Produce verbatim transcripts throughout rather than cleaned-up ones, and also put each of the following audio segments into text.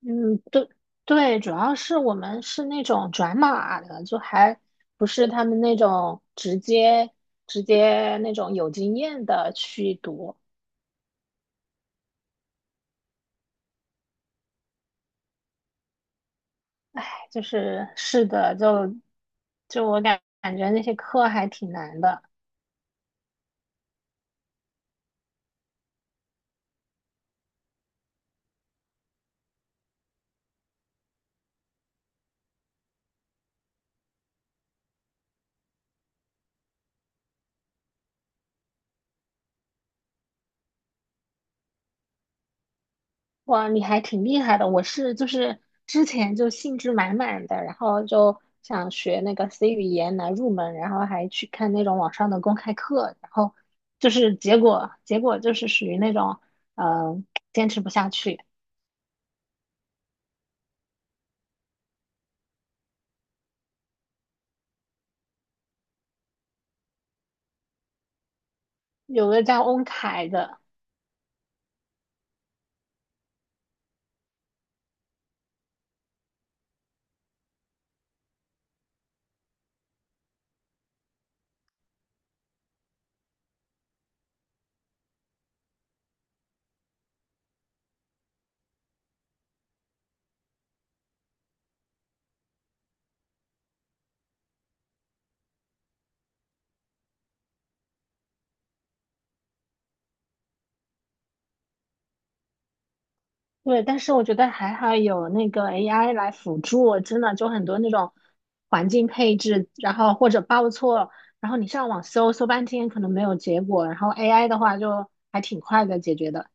嗯，对对，主要是我们是那种转码的，就还不是他们那种直接直接那种有经验的去读，哎就是是的，就就我感感觉那些课还挺难的。哇，你还挺厉害的。我是就是之前就兴致满满的，然后就想学那个 C 语言来入门，然后还去看那种网上的公开课，然后就是结果结果就是属于那种呃坚持不下去。有个叫翁凯的，对，但是我觉得还好有那个 A I 来辅助，真的就很多那种环境配置，然后或者报错。然后你上网搜搜半天，可能没有结果，然后 A I 的话就还挺快的解决的。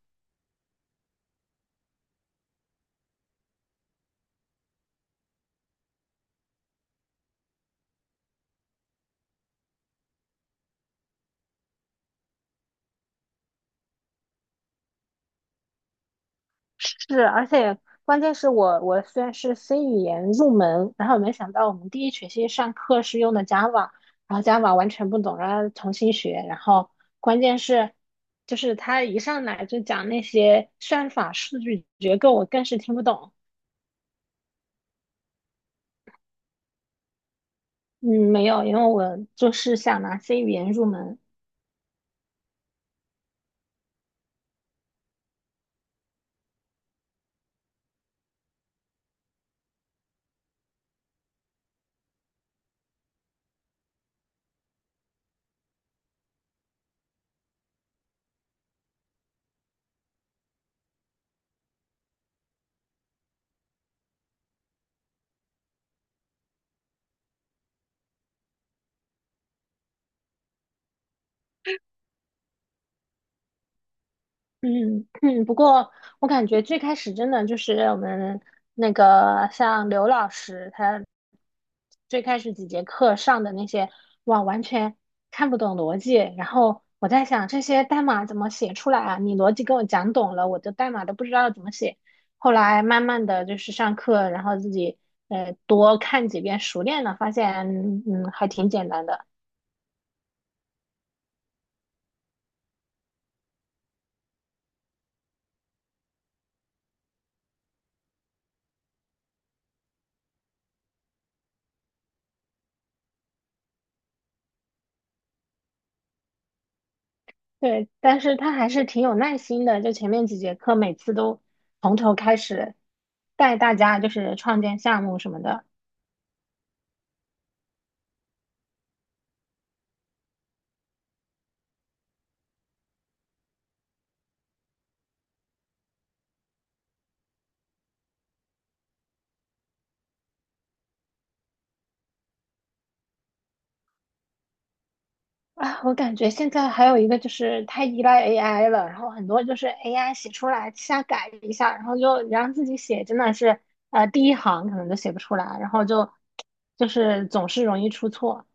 是，而且关键是我我虽然是 C 语言入门，然后没想到我们第一学期上课是用的 Java,然后 Java 完全不懂，然后重新学，然后关键是就是他一上来就讲那些算法、数据结构，我更是听不懂。嗯，没有，因为我就是想拿 C 语言入门。嗯嗯，不过我感觉最开始真的就是我们那个像刘老师，他最开始几节课上的那些，哇，完全看不懂逻辑。然后我在想，这些代码怎么写出来啊？你逻辑给我讲懂了，我的代码都不知道怎么写。后来慢慢的就是上课，然后自己呃多看几遍，熟练了，发现嗯还挺简单的。对，但是他还是挺有耐心的，就前面几节课每次都从头开始带大家就是创建项目什么的啊。我感觉现在还有一个就是太依赖 A I 了，然后很多就是 A I 写出来瞎改一下，然后就让自己写真的是呃第一行可能都写不出来，然后就就是总是容易出错。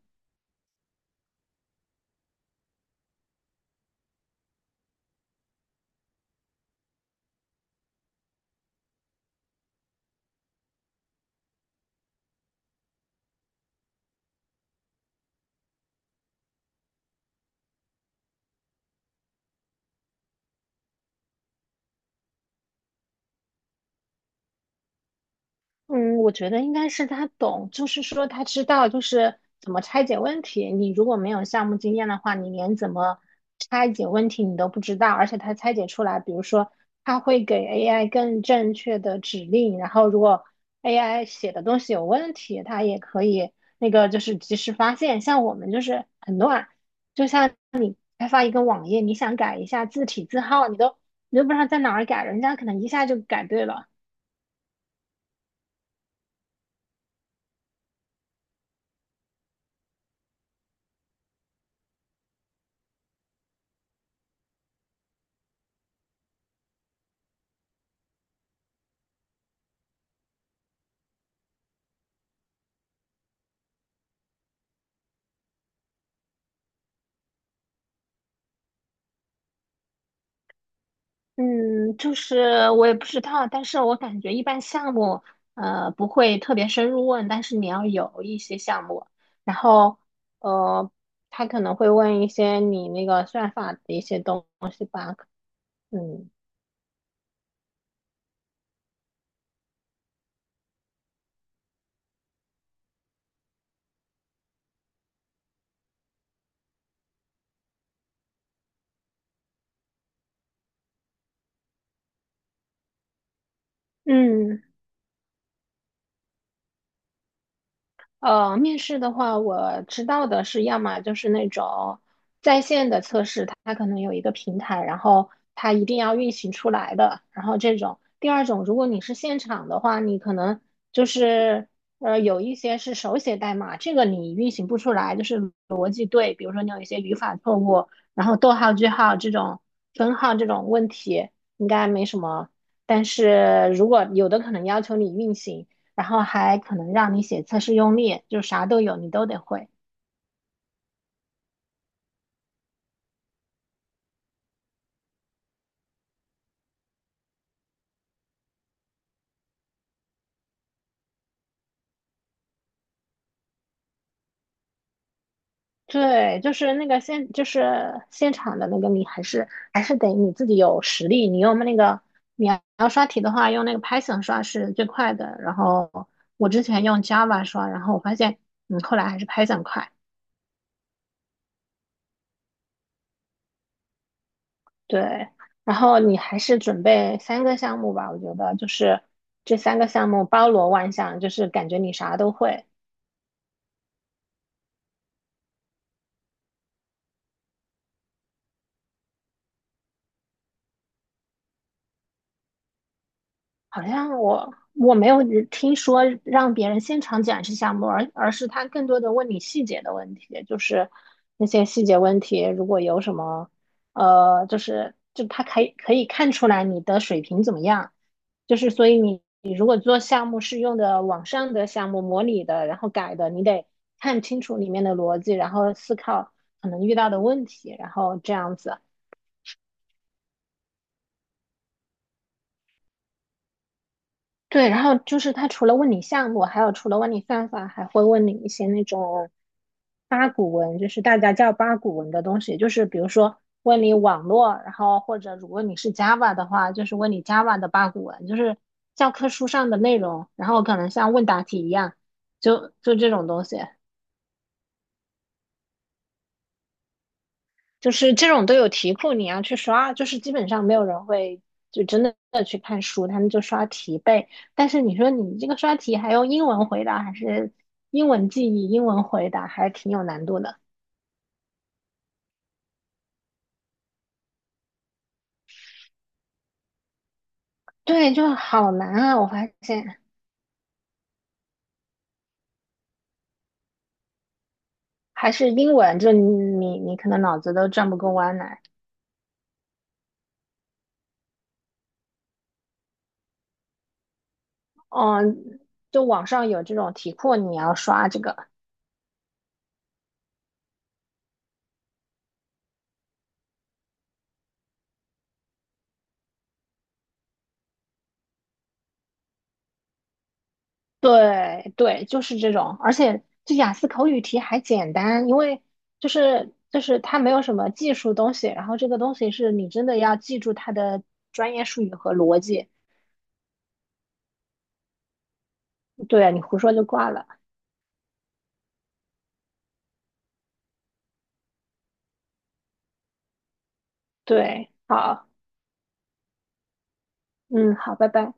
嗯，我觉得应该是他懂，就是说他知道就是怎么拆解问题。你如果没有项目经验的话，你连怎么拆解问题你都不知道，而且他拆解出来，比如说他会给 A I 更正确的指令，然后如果 A I 写的东西有问题，它也可以那个就是及时发现。像我们就是很乱，就像开发一个网页，你想改一下字体字号，你都你都不知道在哪儿改，人家可能一下就改对了。嗯，就是我也不知道，但是我感觉一般项目，呃，不会特别深入问，但是你要有一些项目，然后，呃，他可能会问一些你那个算法的一些东西吧，嗯嗯。呃，面试的话，我知道的是，要么就是那种在线的测试，它可能有一个平台，然后它一定要运行出来的，然后这种。第二种，如果你是现场的话，你可能就是呃有一些是手写代码，这个你运行不出来，就是逻辑对，比如说你有一些语法错误，然后逗号、句号这种分号这种问题应该没什么，但是如果有的可能要求你运行。然后还可能让你写测试用例，就啥都有，你都得会。对，就是那个现，就是现场的那个，你还是还是得你自己有实力。你用那个，你要要刷题的话，用那个 Python 刷是最快的。然后我之前用 Java 刷，然后我发现，嗯，后来还是 Python 快。对，然后你还是准备三个项目吧，我觉得就是这三个项目包罗万象，就是感觉你啥都会。好像我我没有听说让别人现场展示项目，而而是他更多的问你细节的问题，就是那些细节问题，如果有什么，呃，就是就他可以可以看出来你的水平怎么样，就是所以你如果做项目是用的网上的项目模拟的，然后改的，你得看清楚里面的逻辑，然后思考可能遇到的问题，然后这样子。对，然后就是他除了问你项目，还有除了问你算法，还会问你一些那种八股文就是大家叫八股文的东西，就是比如说问你网络，然后或者如果你是 Java 的话，就是问你 Java 的八股文，就是教科书上的内容，然后可能像问答题一样，就就这种东西，就是这种都有题库，你要去刷，就是基本上没有人会就真的去看书，他们就刷题背。但是你说你这个刷题还用英文回答，还是英文记忆、英文回答，还挺有难度的。对，就好难啊！我发现。还是英文，就你你可能脑子都转不过弯来。嗯，就网上有这种题库，你要刷这个。对对，就是这种，而且这雅思口语题还简单，因为就是就是它没有什么技术东西，然后这个东西是你真的要记住它的专业术语和逻辑，对，你胡说就挂了。对，好，嗯，好，拜拜。